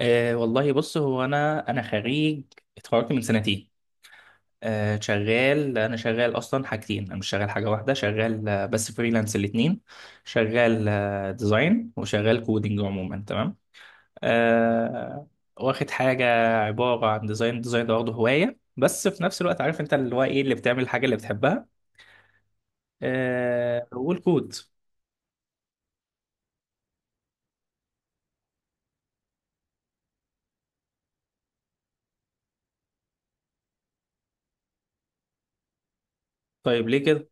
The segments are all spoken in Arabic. والله بص، هو انا خريج. اتخرجت من سنتين. انا شغال اصلا حاجتين، انا مش شغال حاجه واحده. شغال بس فريلانس الاثنين. شغال ديزاين، وشغال كودينج، عموما تمام. أه واخد حاجه عباره عن ديزاين. ديزاين ده برضه هوايه، بس في نفس الوقت عارف انت اللي هو ايه؟ اللي بتعمل الحاجه اللي بتحبها. والكود. طيب ليه كده؟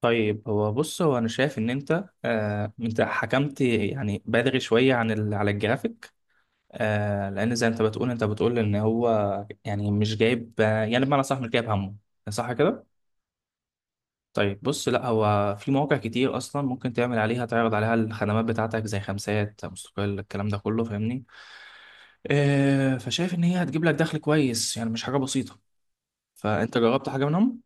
طيب هو بص، هو انا شايف ان انت انت حكمت، يعني بدري شويه عن على الجرافيك. لان زي انت بتقول ان هو يعني مش جايب، يعني بمعنى صح، مش جايب همه. صح كده؟ طيب بص، لا، هو في مواقع كتير اصلا ممكن تعمل عليها، تعرض عليها الخدمات بتاعتك، زي خمسات، مستقل، الكلام ده كله، فاهمني؟ فشايف ان هي هتجيب لك دخل كويس، يعني مش حاجه بسيطه. فانت جربت حاجه منهم؟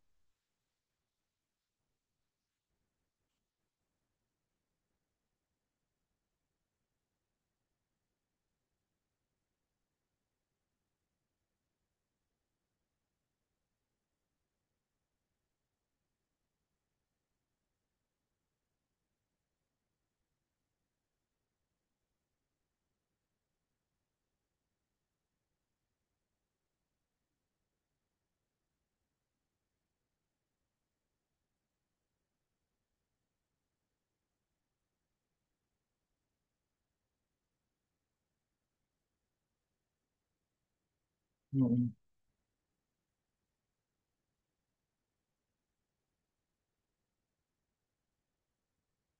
م-م.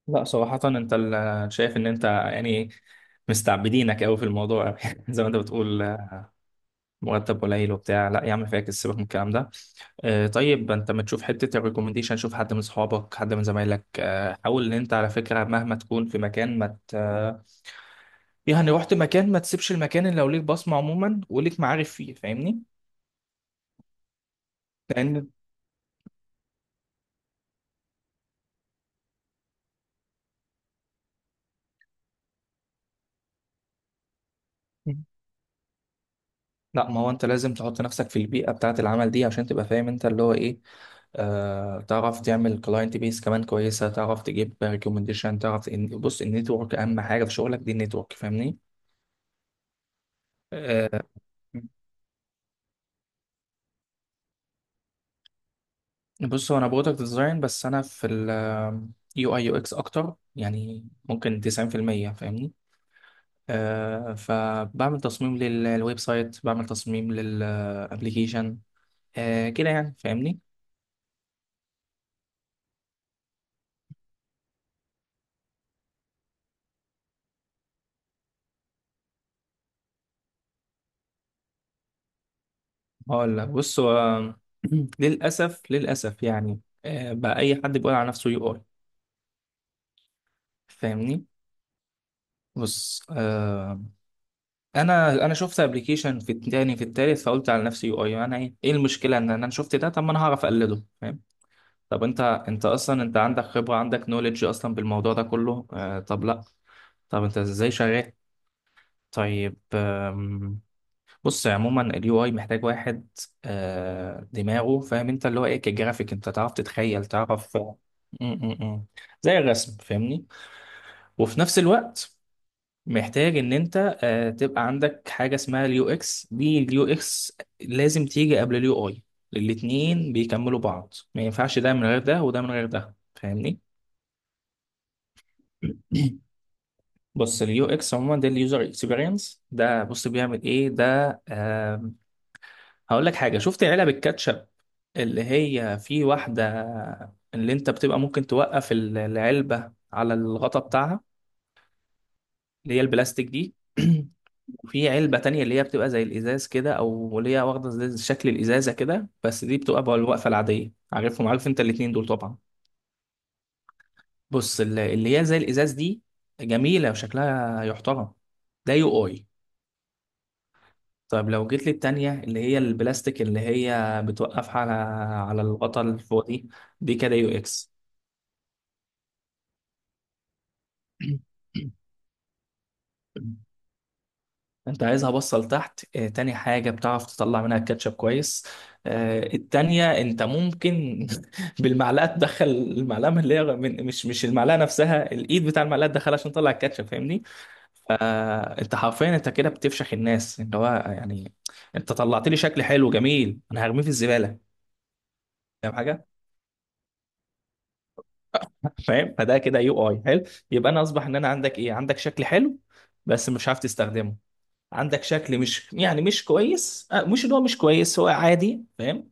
لا صراحه، انت شايف ان انت يعني مستعبدينك قوي في الموضوع زي ما انت بتقول. مرتب قليل وبتاع، لا يا عم، فاكس، سيبك من الكلام ده. طيب انت ما تشوف حته الريكومنديشن؟ شوف حد من اصحابك، حد من زمايلك. حاول ان انت، على فكره، مهما تكون في مكان ما يعني رحت مكان، ما تسيبش المكان اللي لو ليك بصمه عموما وليك معارف فيه، فاهمني؟ لان، لا، ما هو انت لازم تحط نفسك في البيئه بتاعه العمل دي عشان تبقى فاهم انت اللي هو ايه. تعرف تعمل كلاينت بيس كمان كويسه، تعرف تجيب ريكومنديشن، تعرف ان، بص، النتورك اهم حاجه في شغلك دي، النتورك، فاهمني؟ آه، بص، هو انا برودكت ديزاين، بس انا في ال يو اي يو اكس اكتر، يعني ممكن 90%، فاهمني؟ فبعمل تصميم للويب سايت، بعمل تصميم للابليكيشن. كده يعني، فاهمني؟ هقول لك، بص هو للاسف، للاسف يعني بقى اي حد بيقول على نفسه يو اي، فاهمني؟ بص انا شفت ابلكيشن في التاني، في التالت، فقلت على نفسي يو اي انا، ايه المشكله ان انا شفت ده؟ طب ما انا هعرف اقلده، فاهم؟ طب انت اصلا انت عندك خبرة، عندك نوليدج اصلا بالموضوع ده كله. طب لا، طب انت ازاي شغال؟ طيب بص، عموما اليو اي محتاج واحد دماغه فاهم انت اللي هو ايه، كجرافيك، انت تعرف تتخيل، تعرف م- م- م. زي الرسم، فاهمني؟ وفي نفس الوقت محتاج ان انت تبقى عندك حاجة اسمها اليو اكس دي. اليو اكس لازم تيجي قبل اليو اي. الاتنين بيكملوا بعض، ما ينفعش ده من غير ده، وده من غير ده، فاهمني؟ بص، اليو اكس عموما ده اليوزر اكسبيرينس، ده بص بيعمل ايه ده؟ آم، هقول لك حاجه، شفت علب الكاتشب؟ اللي هي في واحده اللي انت بتبقى ممكن توقف العلبه على الغطا بتاعها، اللي هي البلاستيك دي وفي علبه تانية اللي هي بتبقى زي الازاز كده، او اللي هي واخده زي شكل الازازه كده، بس دي بتبقى بقى الوقفه العاديه. عارفهم؟ عارف انت الاتنين دول طبعا. بص، اللي هي زي الازاز دي جميله وشكلها يحترم، ده يو اي. طيب لو جيت لي التانية اللي هي البلاستيك اللي هي بتوقف على الغطا اللي فوق دي، دي كده يو اكس. انت عايزها بصل تحت. اه، تاني حاجة، بتعرف تطلع منها الكاتشب كويس. اه التانية انت ممكن بالمعلقة تدخل المعلقة من اللي هي، من، مش المعلقة نفسها، الايد بتاع المعلقة، تدخلها عشان تطلع الكاتشب، فاهمني؟ فانت حرفيا انت كده بتفشخ الناس، اللي هو يعني انت طلعت لي شكل حلو جميل انا هرميه في الزبالة؟ فاهم حاجة؟ فاهم؟ فده كده يو اي حلو، يبقى انا اصبح ان انا عندك ايه؟ عندك شكل حلو بس مش عارف تستخدمه. عندك شكل مش يعني مش كويس مش اللي هو مش كويس، هو عادي، فاهم؟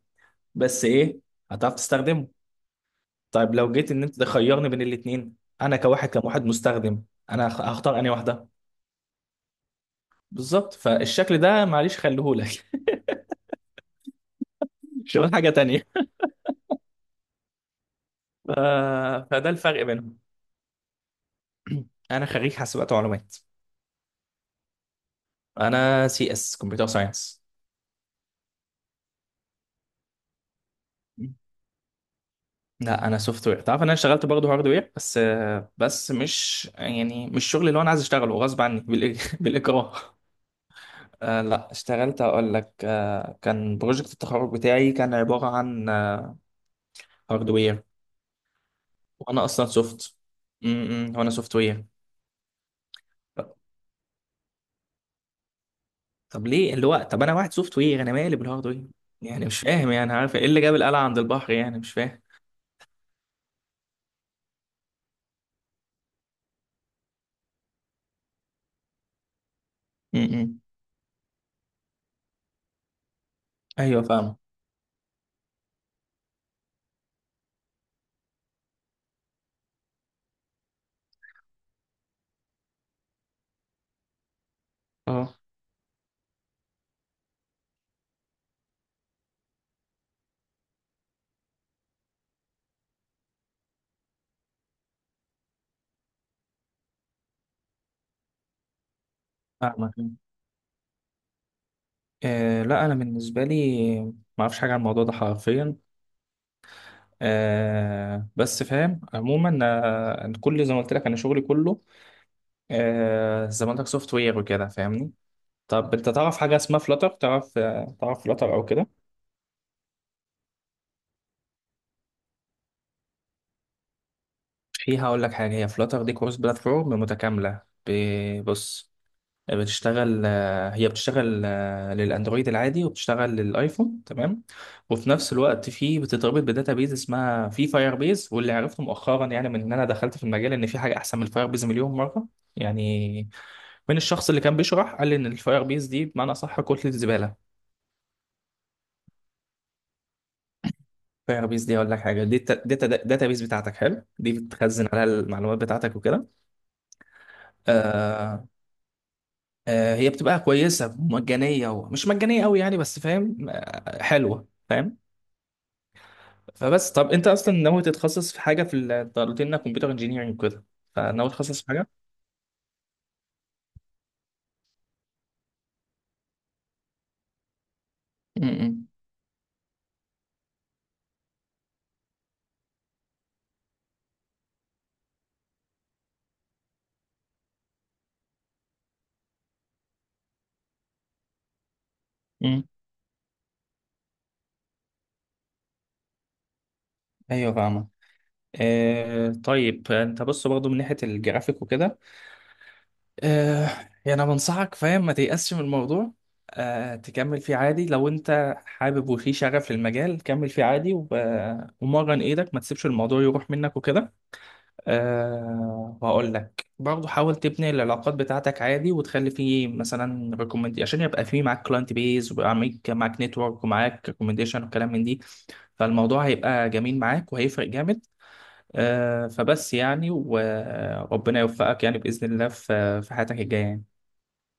بس ايه؟ هتعرف تستخدمه. طيب لو جيت ان انت تخيرني بين الاثنين، انا كواحد كموحد مستخدم، انا هختار انهي واحده؟ بالظبط، فالشكل ده معلش خليهولك شغل حاجه تانية. ف... فده الفرق بينهم. انا خريج حاسبات ومعلومات. انا سي اس، كمبيوتر ساينس. لا انا سوفت وير، تعرف ان انا اشتغلت برضه هارد وير، بس بس مش يعني مش الشغل اللي هو انا عايز اشتغله، غصب عني، بالاكراه. لا، اشتغلت، اقول لك. كان بروجكت التخرج بتاعي كان عباره عن هارد وير، وانا اصلا سوفت. وانا سوفت وير. طب ليه؟ اللي هو طب انا واحد سوفت وير، انا مالي بالهارد وير؟ يعني مش فاهم، يعني عارف ايه اللي جاب القلعه عند البحر، يعني مش فاهم. امم. ايوه فاهم. اه فاهمك. لا، انا بالنسبه لي ما اعرفش حاجه عن الموضوع ده حرفيا. بس فاهم عموما. أنا، كل زي ما قلت لك، انا شغلي كله، زي ما قلت لك، سوفت وير وكده، فاهمني؟ طب انت تعرف حاجه اسمها فلاتر؟ تعرف تعرف فلاتر او كده؟ فيها، اقول لك حاجه، هي فلاتر دي كورس بلاتفورم متكامله. بص، بتشتغل هي بتشتغل للاندرويد العادي، وبتشتغل للايفون، تمام. وفي نفس الوقت، في بتتربط بداتا بيز اسمها في فاير بيز. واللي عرفته مؤخرا يعني، من ان انا دخلت في المجال، ان في حاجه احسن من الفاير بيز مليون مره يعني، من الشخص اللي كان بيشرح قال لي ان الفاير بيز دي بمعنى صح كتله الزباله. فاير بيز دي اقول لك حاجه، دي داتا بيز بتاعتك حلو، دي بتخزن عليها المعلومات بتاعتك وكده. آه آه هي بتبقى كويسه، مجانيه ومش مجانيه قوي يعني، بس فاهم، حلوه، فاهم؟ فبس، طب انت اصلا ناوي تتخصص في حاجه في انت قلت لنا كمبيوتر انجينيرنج وكده، فناوي تتخصص في حاجه؟ امم. ايوه فاهمه. طيب انت بص برضه من ناحيه الجرافيك وكده، آه يعني انا بنصحك، فاهم؟ ما تيأسش من الموضوع. تكمل فيه عادي، لو انت حابب وفي شغف للمجال، كمل فيه عادي، ومرن ايدك، ما تسيبش الموضوع يروح منك وكده. وهقول لك برضه، حاول تبني العلاقات بتاعتك عادي، وتخلي فيه مثلا ريكومند عشان يبقى فيه معاك كلاينت بيز، ويبقى معاك نتورك، ومعاك ريكومنديشن وكلام من دي. فالموضوع هيبقى جميل معاك، وهيفرق جامد. فبس يعني، وربنا يوفقك يعني بإذن الله، في حياتك الجاية يعني.